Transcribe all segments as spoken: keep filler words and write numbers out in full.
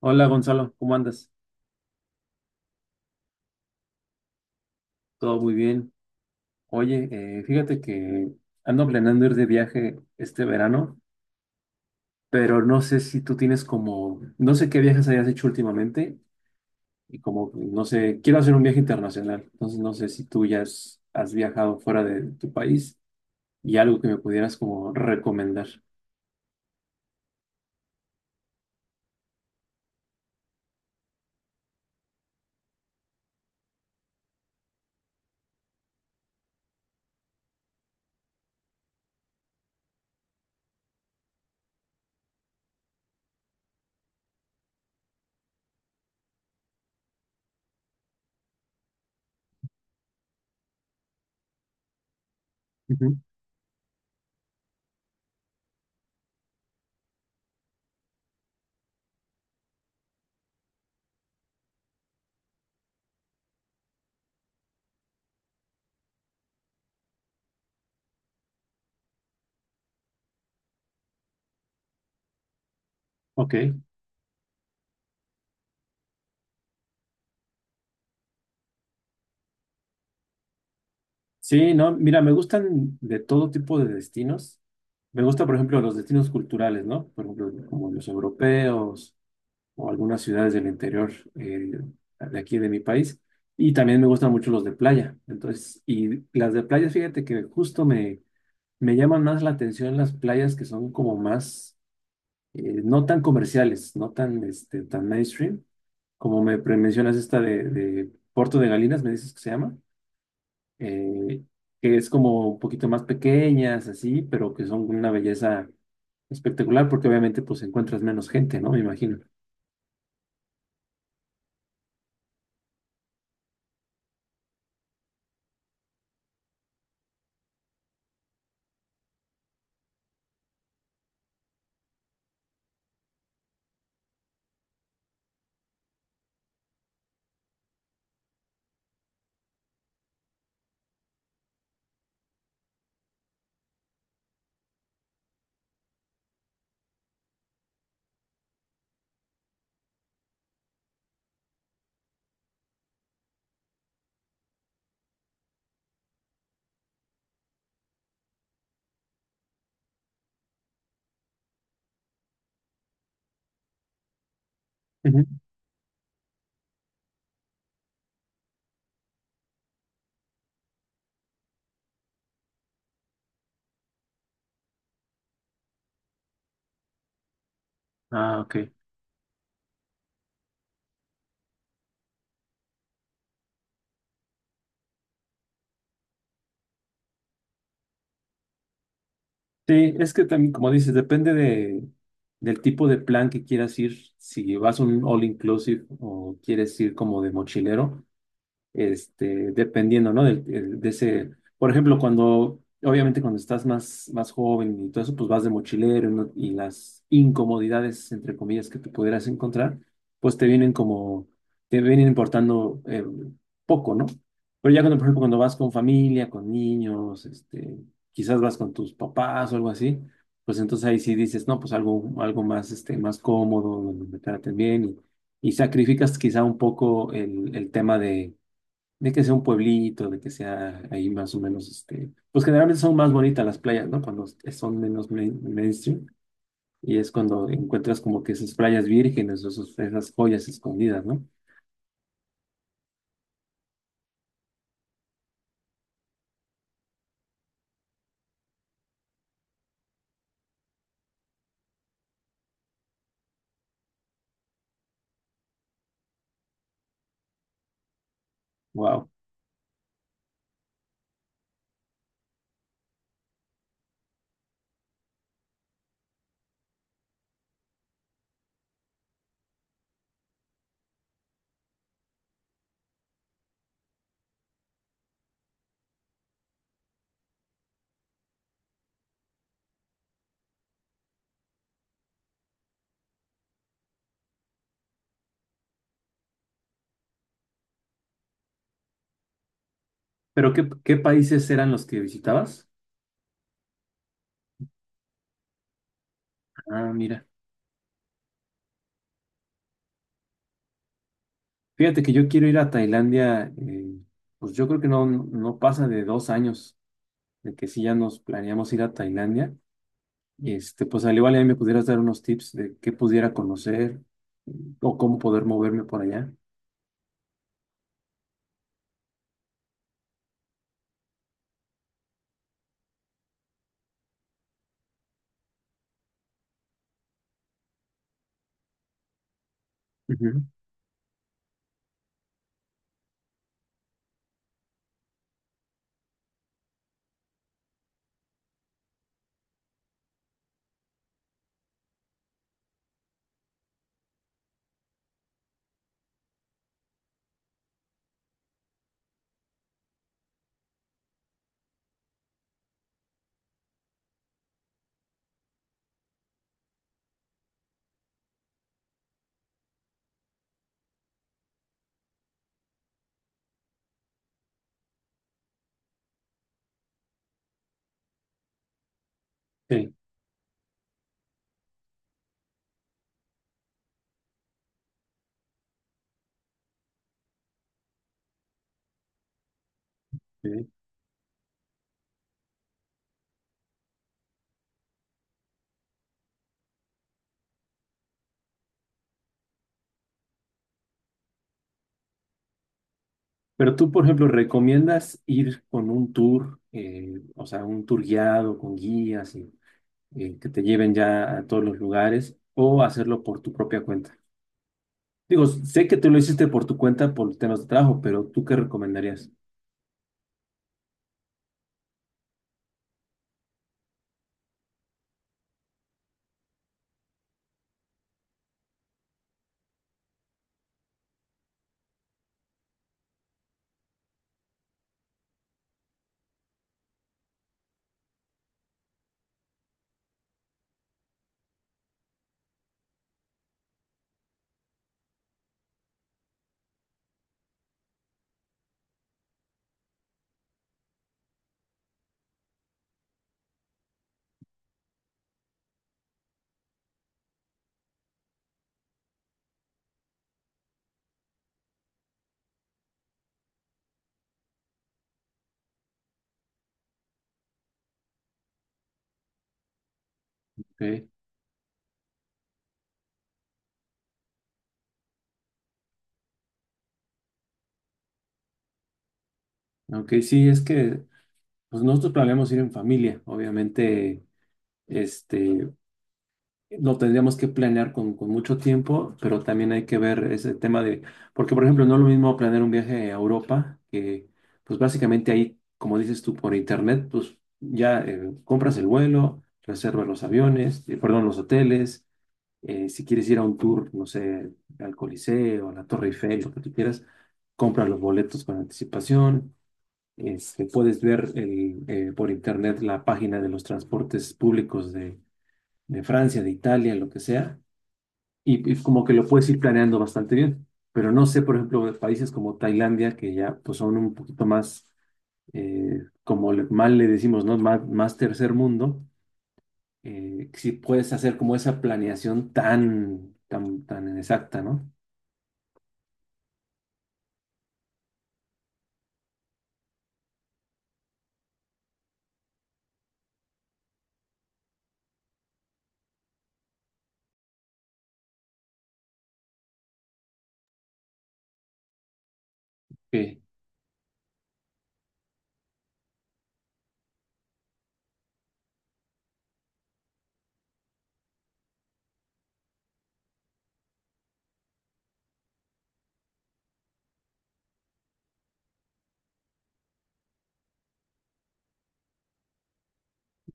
Hola, Gonzalo, ¿cómo andas? Todo muy bien. Oye, eh, fíjate que ando planeando ir de viaje este verano, pero no sé si tú tienes como, no sé qué viajes hayas hecho últimamente y como, no sé, quiero hacer un viaje internacional. Entonces no sé si tú ya has, has viajado fuera de tu país y algo que me pudieras como recomendar. Ujú. Ok. Sí, no, mira, me gustan de todo tipo de destinos. Me gusta, por ejemplo, los destinos culturales, ¿no? Por ejemplo, como los europeos o algunas ciudades del interior eh, de aquí de mi país. Y también me gustan mucho los de playa. Entonces, y las de playa, fíjate que justo me, me llaman más la atención las playas que son como más, eh, no tan comerciales, no tan, este, tan mainstream. Como me pre- mencionas esta de, de Puerto de Galinas, me dices que se llama, eh, que es como un poquito más pequeñas, así, pero que son una belleza espectacular porque obviamente pues encuentras menos gente, ¿no? Me imagino. Ujú. Ah, ok. Sí, es que también, como dices, depende de, del tipo de plan que quieras ir. Si vas a un all inclusive o quieres ir como de mochilero, este, dependiendo, ¿no? Del- el- de ese, por ejemplo, cuando, obviamente cuando estás más, más joven y todo eso, pues vas de mochilero, ¿no? Y las incomodidades, entre comillas, que te pudieras encontrar, pues te vienen como, te vienen importando eh, poco, ¿no? Pero ya cuando, por ejemplo, cuando vas con familia, con niños, este, quizás vas con tus papás o algo así, pues entonces ahí sí dices, no, pues algo, algo más, este, más cómodo, donde me traten bien y, y sacrificas quizá un poco el, el tema de, de que sea un pueblito, de que sea ahí más o menos, este, pues generalmente son más bonitas las playas, ¿no? Cuando son menos main- mainstream y es cuando encuentras como que esas playas vírgenes o esos- esas joyas escondidas, ¿no? Wow. Pero ¿qué, qué países eran los que visitabas? Ah, mira. Fíjate que yo quiero ir a Tailandia, eh, pues yo creo que no, no pasa de dos años de que sí ya nos planeamos ir a Tailandia. Y este, pues al igual ahí me pudieras dar unos tips de qué pudiera conocer o cómo poder moverme por allá. Ujú, sí, sí. Pero tú, por ejemplo, ¿recomiendas ir con un tour, eh, o sea, un tour guiado con guías y eh, que te lleven ya a todos los lugares o hacerlo por tu propia cuenta? Digo, sé que tú lo hiciste por tu cuenta por temas de trabajo, pero ¿tú qué recomendarías? Ok, ok, sí, es que pues nosotros planeamos ir en familia, obviamente, este, lo tendríamos que planear con, con mucho tiempo, pero también hay que ver ese tema de, porque por ejemplo, no es lo mismo planear un viaje a Europa, que pues básicamente ahí, como dices tú, por internet, pues ya eh, compras el vuelo, reservas los aviones, eh, perdón, los hoteles, eh, si quieres ir a un tour, no sé, al Coliseo, a la Torre Eiffel, lo que tú quieras, compras los boletos con anticipación, este, puedes ver el, eh, por internet la página de los transportes públicos de de Francia, de Italia, lo que sea y, y como que lo puedes ir planeando bastante bien. Pero no sé, por ejemplo, de países como Tailandia, que ya pues, son un poquito más, eh, como le- mal le decimos, ¿no? Más, más tercer mundo, eh, si puedes hacer como esa planeación tan, tan, tan exacta, ¿no? Que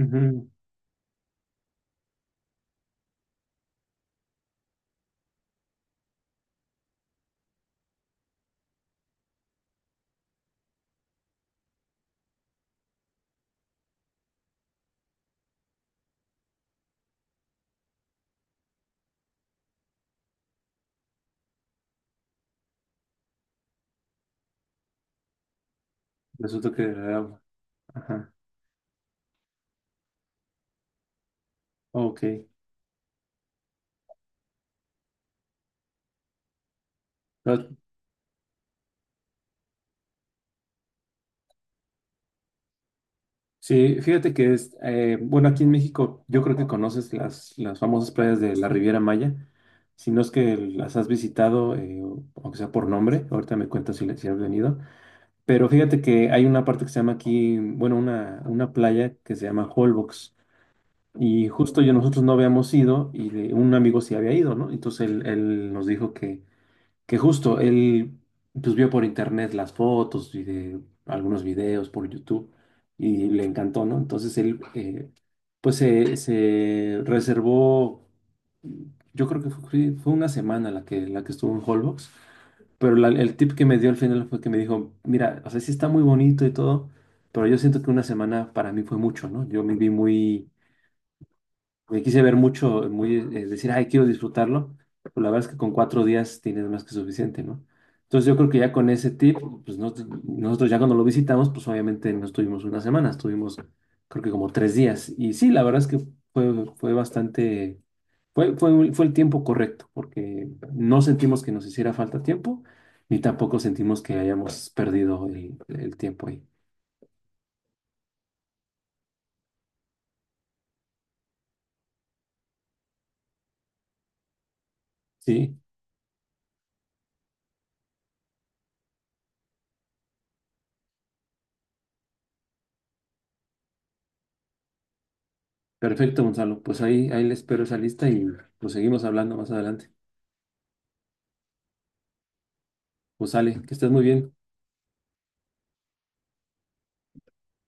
ujú, resulta que... Ajá, ok. Sí, fíjate que es, eh, bueno, aquí en México yo creo que conoces las, las famosas playas de la Riviera Maya, si no es que las has visitado, eh, o- aunque sea por nombre, ahorita me cuentas si, le- si has venido, pero fíjate que hay una parte que se llama aquí, bueno, una, una playa que se llama Holbox, y justo yo nosotros no habíamos ido y de- un amigo sí había ido, ¿no? Entonces él, él nos dijo que justo él pues vio por internet las fotos y de algunos videos por YouTube y le encantó, ¿no? Entonces él eh, pues se, se reservó, yo creo que fue, sí, fue una semana la que, la que estuvo en Holbox, pero la- el tip que me dio al final fue que me dijo, mira, o sea, sí está muy bonito y todo, pero yo siento que una semana para mí fue mucho, ¿no? Yo me vi muy me quise ver mucho, muy, eh, decir, ay, quiero disfrutarlo, pues la verdad es que con cuatro días tienes más que suficiente, ¿no? Entonces yo creo que ya con ese tip, pues nos- nosotros ya cuando lo visitamos, pues obviamente no estuvimos una semana, estuvimos creo que como tres días. Y sí, la verdad es que fue, fue bastante, fue, fue, fue el tiempo correcto, porque no sentimos que nos hiciera falta tiempo, ni tampoco sentimos que hayamos perdido el, el tiempo ahí. Sí, perfecto, Gonzalo. Pues ahí, ahí les espero esa lista y pues seguimos hablando más adelante. Pues sale, que estés muy bien.